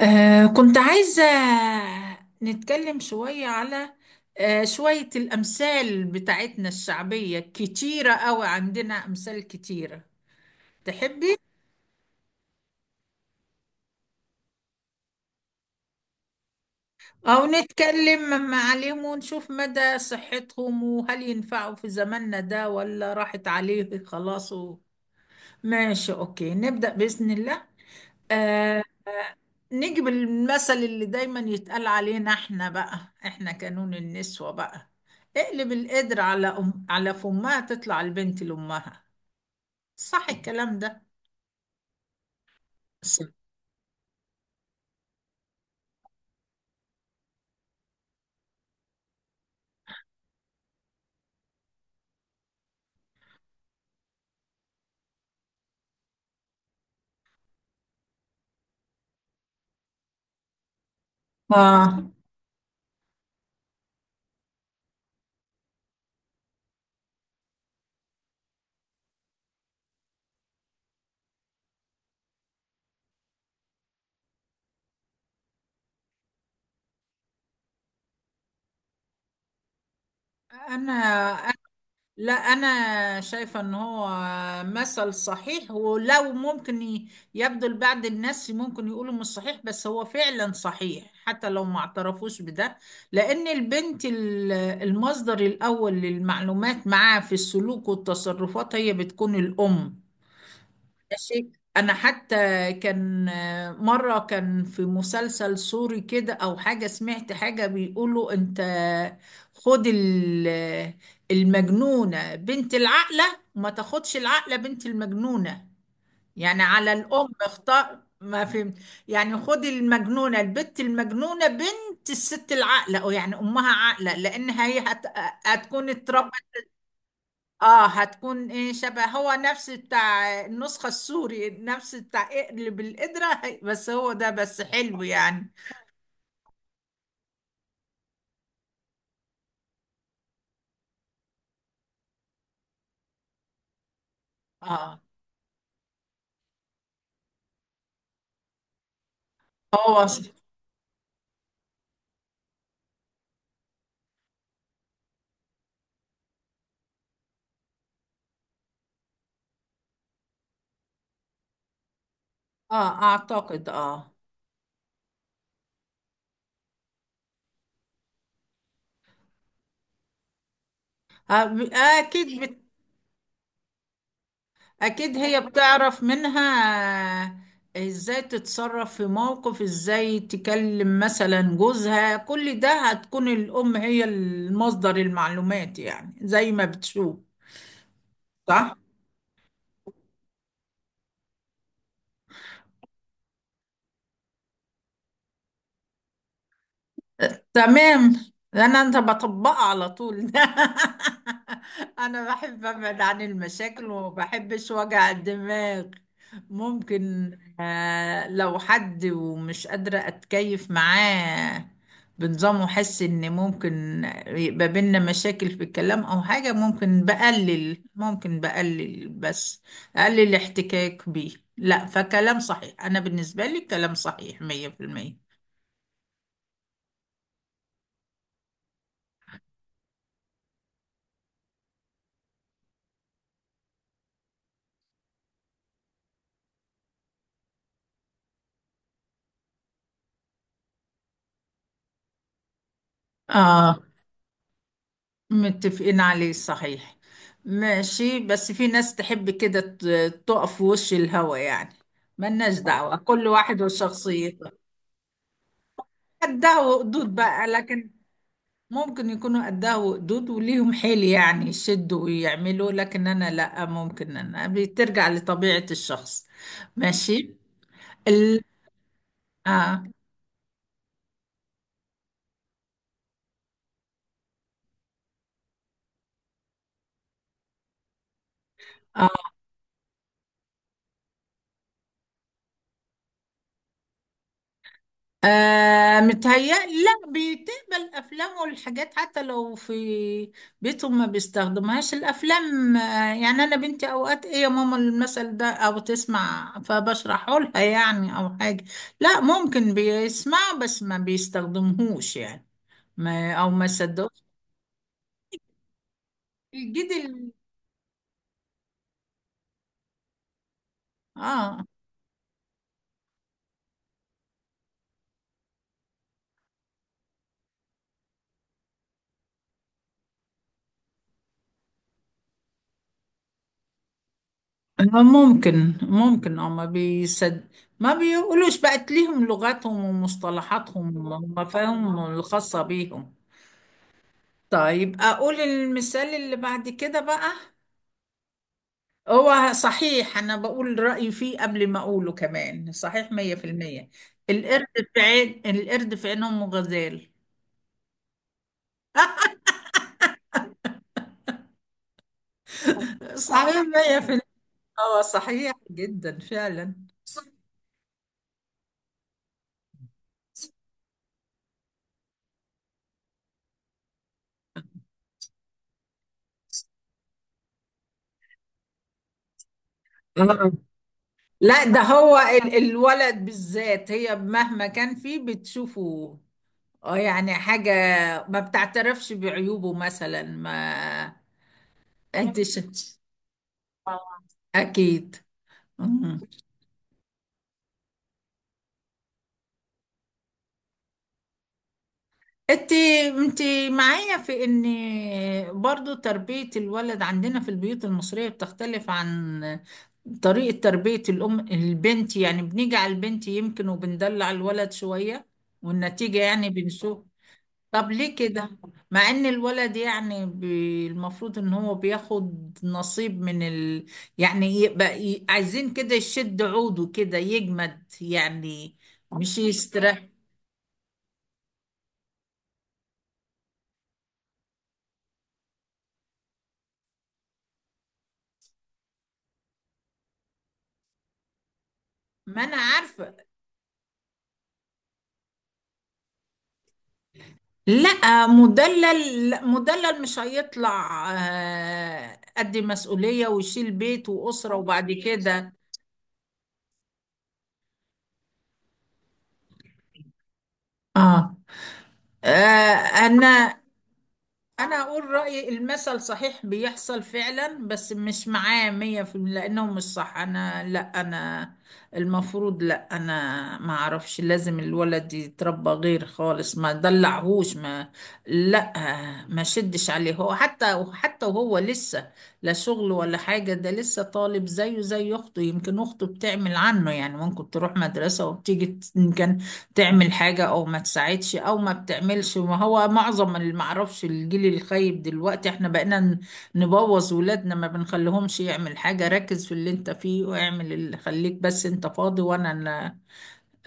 كنت عايزة نتكلم شوية على شوية الأمثال بتاعتنا الشعبية كتيرة أوي. عندنا أمثال كتيرة، تحبي؟ أو نتكلم عليهم ونشوف مدى صحتهم، وهل ينفعوا في زماننا ده ولا راحت عليه خلاص. ماشي، أوكي، نبدأ بإذن الله. آه نجيب المثل اللي دايما يتقال علينا احنا، بقى احنا كانون النسوة بقى. اقلب القدر على فمها تطلع البنت لأمها. صح الكلام ده؟ صح. اه. انا لا، أنا شايفة إن هو مثل صحيح، ولو ممكن يبدو لبعض الناس ممكن يقولوا مش صحيح، بس هو فعلا صحيح حتى لو ما اعترفوش بده. لأن البنت المصدر الأول للمعلومات معاه في السلوك والتصرفات هي بتكون الأم. ماشي. انا حتى كان مره كان في مسلسل سوري كده او حاجه، سمعت حاجه بيقولوا: انت خد المجنونه بنت العاقله، وما تاخدش العاقله بنت المجنونه. يعني على الام، اختار ما فهمت. يعني خد المجنونه، البت المجنونه بنت الست العاقله، او يعني امها عاقله لان هي هتكون اتربت. اه، هتكون ايه شبه، هو نفس بتاع النسخة السوري، نفس بتاع اقلب القدرة، بس هو ده بس حلو يعني. اه. هو اه اعتقد. اكيد اكيد هي بتعرف منها ازاي تتصرف في موقف، ازاي تكلم مثلا جوزها، كل ده هتكون الام هي المصدر المعلومات يعني زي ما بتشوف. صح، تمام. انت بطبقها على طول. انا بحب ابعد عن المشاكل وما بحبش وجع الدماغ. ممكن. لو حد ومش قادرة اتكيف معاه بنظام، واحس ان ممكن يبقى بينا مشاكل في الكلام او حاجة، ممكن بقلل، ممكن بقلل بس اقلل الاحتكاك بيه. لا، فكلام صحيح، انا بالنسبة لي كلام صحيح 100%. اه، متفقين عليه، صحيح. ماشي، بس في ناس تحب كده تقف في وش الهوا يعني. ملناش دعوة، كل واحد وشخصيته قدها وقدود بقى، لكن ممكن يكونوا قدها وقدود وليهم حيل يعني يشدوا ويعملوا، لكن أنا لأ، ممكن. أنا بترجع لطبيعة الشخص. ماشي. ال... آه. آه. متهيألي لا، بتقبل أفلام والحاجات حتى لو في بيتهم ما بيستخدمهاش الأفلام. يعني أنا بنتي أوقات إيه يا ماما المثل ده أو تسمع فبشرحه لها، يعني، أو حاجة. لا، ممكن بيسمعه بس ما بيستخدمهوش يعني، ما صدقوش. الجيل ال- آه آه، ممكن أو ما بيقولوش، بقت ليهم لغتهم ومصطلحاتهم ومفاهيمهم الخاصة بيهم. طيب، أقول المثال اللي بعد كده بقى. هو صحيح، أنا بقول رأيي فيه قبل ما أقوله، كمان صحيح 100%. القرد القرد في عين أم غزال. صحيح مية في المية. اه صحيح جدا فعلا. آه. لا، ده هو الولد بالذات، هي مهما كان فيه بتشوفه. اه يعني حاجة ما بتعترفش بعيوبه مثلا ما أنت ش- أكيد. انت انت معايا في ان برضو تربية الولد عندنا في البيوت المصرية بتختلف عن طريقة تربية الام البنت، يعني بنيجي على البنت يمكن وبندلع الولد شوية، والنتيجة يعني بنشوف. طب ليه كده؟ مع ان الولد يعني المفروض ان هو بياخد نصيب من يعني يبقى عايزين كده يشد عوده كده يجمد يعني، مش يستريح. ما انا عارفة. لا مدلل، لا، مدلل مش هيطلع، قد مسؤولية ويشيل بيت وأسرة وبعد كده. اه. آه، انا انا اقول رأيي، المثل صحيح بيحصل فعلا بس مش معاه 100% لانه مش صح. انا لا انا المفروض، لا انا ما اعرفش. لازم الولد يتربى غير خالص، ما دلعهوش، لا ما شدش عليه. هو حتى وهو لسه لا شغل ولا حاجة، ده لسه طالب زيه زي اخته، يمكن اخته بتعمل عنه يعني ممكن تروح مدرسة وبتيجي تعمل حاجة أو ما تساعدش أو ما بتعملش. ما هو معظم اللي معرفش الجيل الخايب دلوقتي احنا بقينا نبوظ ولادنا، ما بنخليهمش يعمل حاجة. ركز في اللي انت فيه واعمل اللي خليك، بس انت فاضي وانا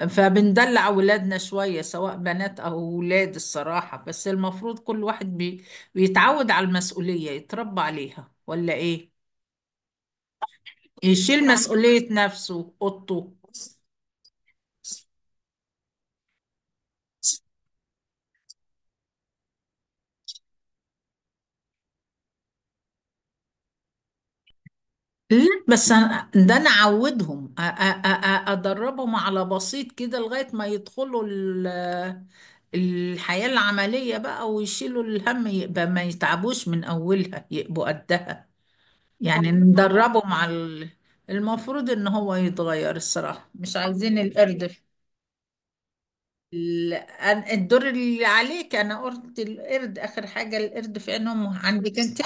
فبندلع ولادنا شوية سواء بنات أو ولاد الصراحة، بس المفروض كل واحد بيتعود على المسؤولية يتربى عليها، ولا إيه؟ يشيل طبعا مسؤولية نفسه، أوضته. لا، بس أنا ده انا اعودهم، ادربهم على بسيط كده لغايه ما يدخلوا الحياه العمليه بقى، ويشيلوا الهم، يبقى ما يتعبوش من اولها، يبقوا قدها. يعني ندربهم على المفروض ان هو يتغير الصراحه، مش عايزين القرد. الدور اللي عليك، انا قلت القرد اخر حاجه، القرد في عينهم عندك انت.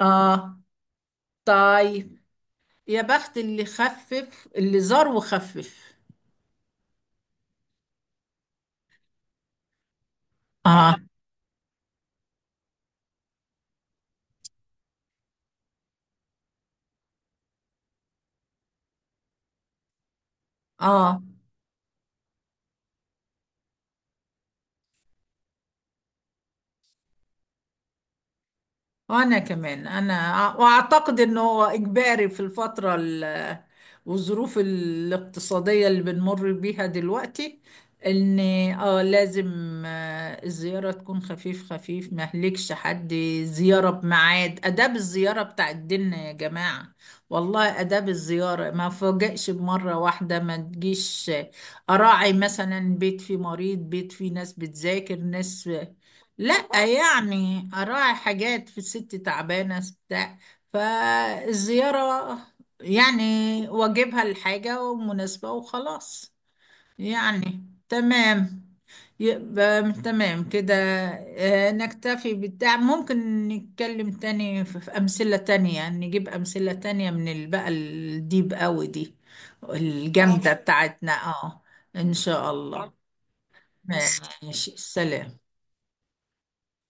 اه، طيب. يا بخت اللي خفف، اللي زار وخفف. اه. اه، وأنا كمان وأعتقد إنه هو إجباري في الفترة والظروف الاقتصادية اللي بنمر بيها دلوقتي، إن لازم الزيارة تكون خفيف خفيف، ما يهلكش حد. زيارة بميعاد، آداب الزيارة بتاع ديننا يا جماعة، والله. آداب الزيارة، ما فوجئش بمرة واحدة ما تجيش، أراعي مثلا بيت فيه مريض، بيت فيه ناس بتذاكر، ناس. لا يعني اراعي حاجات، في ست تعبانه بتاع. فالزياره يعني واجبها الحاجه ومناسبه وخلاص، يعني تمام. يبقى تمام كده. نكتفي ممكن نتكلم تاني في أمثلة تانية، نجيب أمثلة تانية من بقى الديب قوي دي الجامدة خلاص بتاعتنا. اه، إن شاء الله. خلاص. ماشي، سلام.